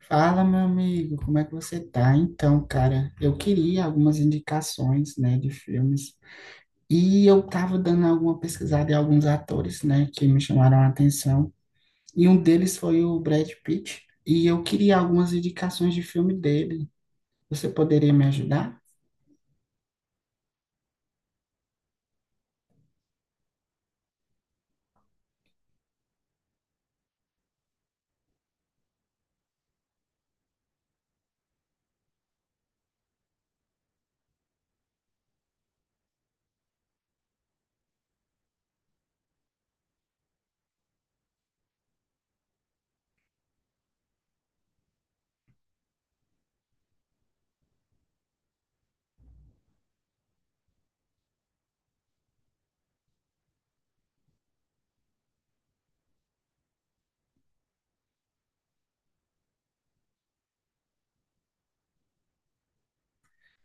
Fala, meu amigo, como é que você tá? Então, cara, eu queria algumas indicações, né, de filmes. E eu tava dando alguma pesquisada em alguns atores, né, que me chamaram a atenção. E um deles foi o Brad Pitt. E eu queria algumas indicações de filme dele. Você poderia me ajudar?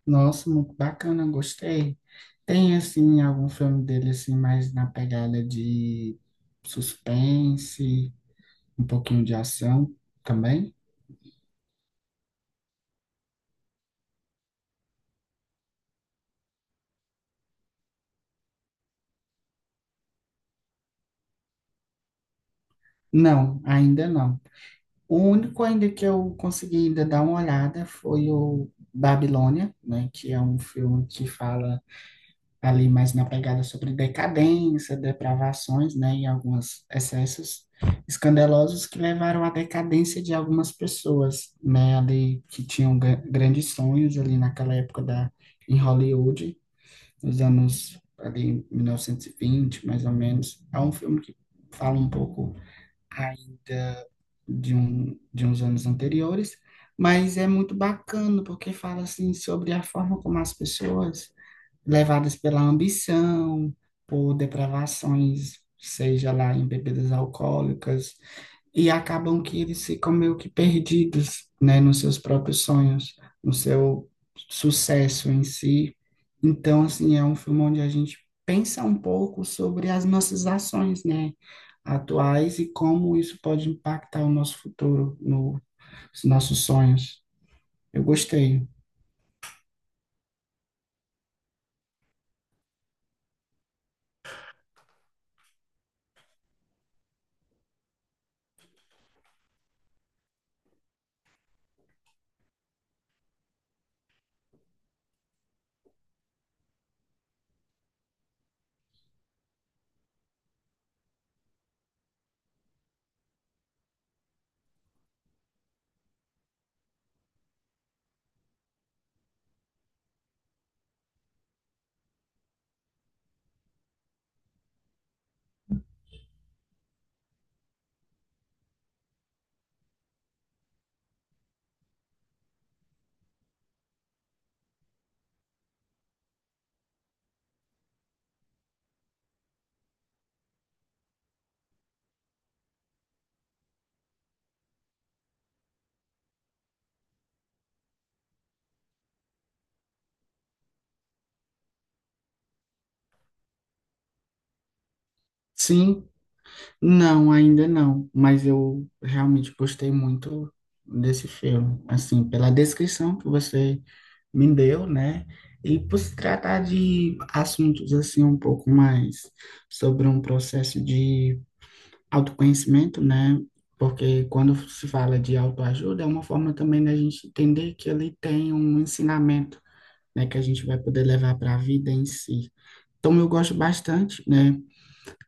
Nossa, muito bacana, gostei. Tem, assim, algum filme dele, assim, mais na pegada de suspense, um pouquinho de ação também? Não, ainda não. O único ainda que eu consegui ainda dar uma olhada foi o Babilônia, né, que é um filme que fala ali mais na pegada sobre decadência, depravações, né, e alguns excessos escandalosos que levaram à decadência de algumas pessoas, né, ali que tinham grandes sonhos ali naquela época da em Hollywood, nos anos ali 1920, mais ou menos. É um filme que fala um pouco ainda de, um, de uns anos anteriores, mas é muito bacana porque fala assim sobre a forma como as pessoas, levadas pela ambição, por depravações, seja lá em bebidas alcoólicas, e acabam que eles ficam meio que perdidos, né, nos seus próprios sonhos, no seu sucesso em si. Então, assim, é um filme onde a gente pensa um pouco sobre as nossas ações, né, atuais e como isso pode impactar o nosso futuro, no, os nossos sonhos. Eu gostei. Sim, não, ainda não, mas eu realmente gostei muito desse filme, assim, pela descrição que você me deu, né? E por se tratar de assuntos assim um pouco mais sobre um processo de autoconhecimento, né? Porque quando se fala de autoajuda, é uma forma também da gente entender que ele tem um ensinamento, né, que a gente vai poder levar para a vida em si. Então eu gosto bastante, né?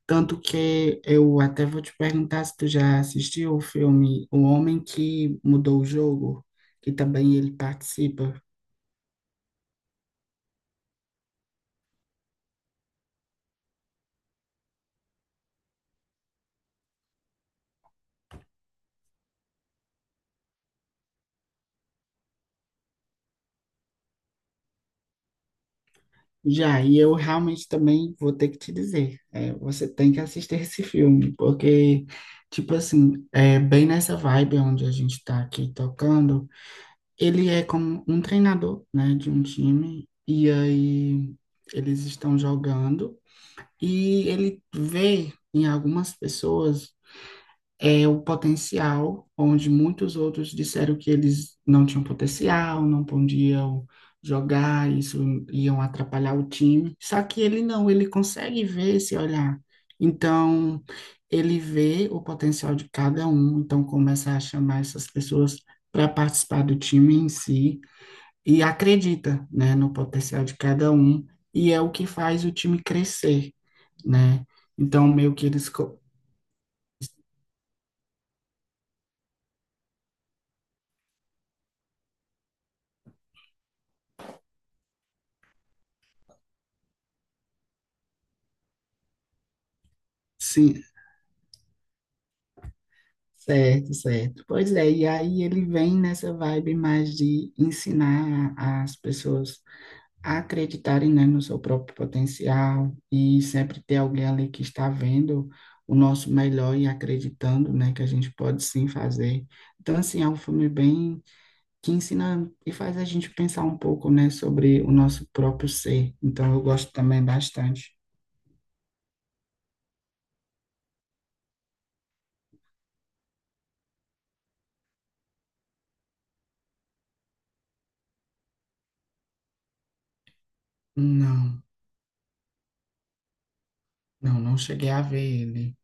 Tanto que eu até vou te perguntar se tu já assistiu o filme O Homem que Mudou o Jogo, que também ele participa. Já, e eu realmente também vou ter que te dizer, é, você tem que assistir esse filme, porque, tipo assim, é bem nessa vibe onde a gente está aqui tocando, ele é como um treinador, né, de um time, e aí eles estão jogando, e ele vê em algumas pessoas é o potencial, onde muitos outros disseram que eles não tinham potencial, não podiam jogar, isso iam atrapalhar o time. Só que ele não, ele consegue ver esse olhar. Então, ele vê o potencial de cada um, então começa a chamar essas pessoas para participar do time em si e acredita, né, no potencial de cada um e é o que faz o time crescer, né? Então, meio que eles co- se certo, certo. Pois é, e aí ele vem nessa vibe mais de ensinar as pessoas a acreditarem, né, no seu próprio potencial e sempre ter alguém ali que está vendo o nosso melhor e acreditando, né, que a gente pode sim fazer. Então, assim, é um filme bem que ensina e faz a gente pensar um pouco, né, sobre o nosso próprio ser. Então, eu gosto também bastante. Não. Não, não cheguei a ver ele.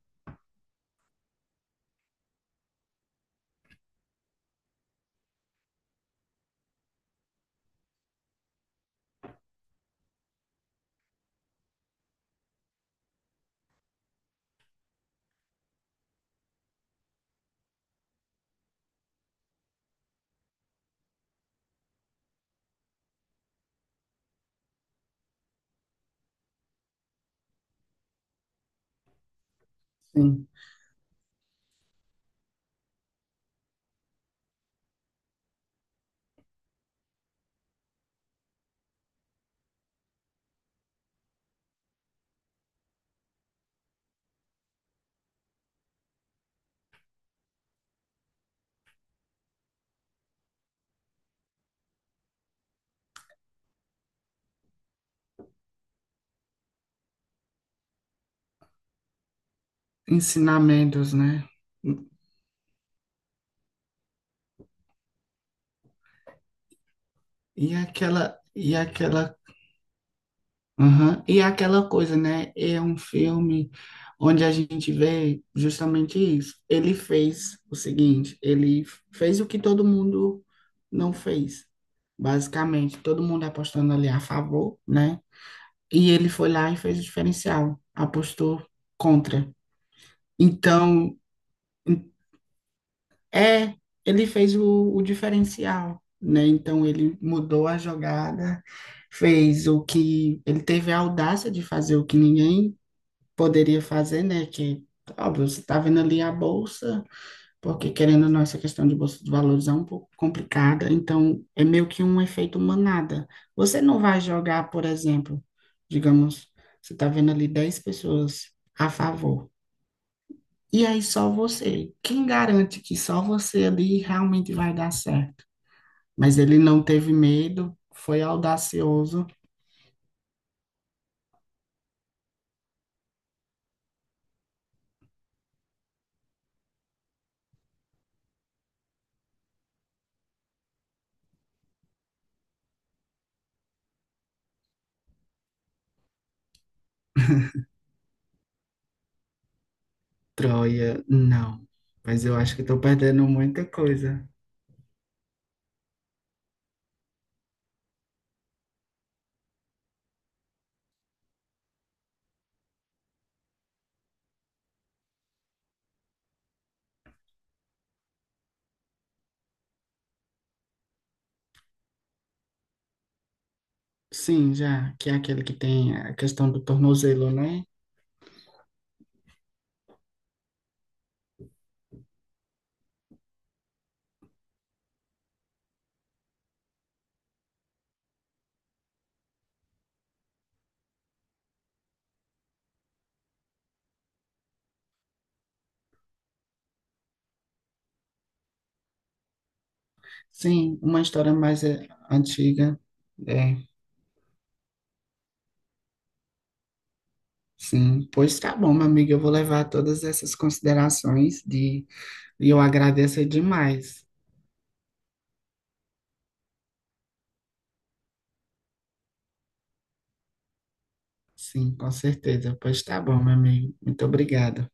Sim. Ensinamentos, né? E aquela, aham. E aquela coisa, né? É um filme onde a gente vê justamente isso. Ele fez o seguinte, ele fez o que todo mundo não fez, basicamente. Todo mundo apostando ali a favor, né? E ele foi lá e fez o diferencial, apostou contra. Então, é, ele fez o diferencial, né? Então ele mudou a jogada, fez o que ele teve a audácia de fazer o que ninguém poderia fazer, né? Que óbvio, você está vendo ali a bolsa, porque querendo ou não, essa questão de bolsa de valores é um pouco complicada, então é meio que um efeito manada. Você não vai jogar, por exemplo, digamos, você está vendo ali 10 pessoas a favor. E aí só você. Quem garante que só você ali realmente vai dar certo? Mas ele não teve medo, foi audacioso. Troia, não. Mas eu acho que estou perdendo muita coisa. Sim, já, que é aquele que tem a questão do tornozelo, né? Sim, uma história mais é, antiga. É, sim. Pois tá bom, meu amigo, eu vou levar todas essas considerações de E eu agradeço demais. Sim, com certeza. Pois tá bom, meu amigo. Muito obrigada.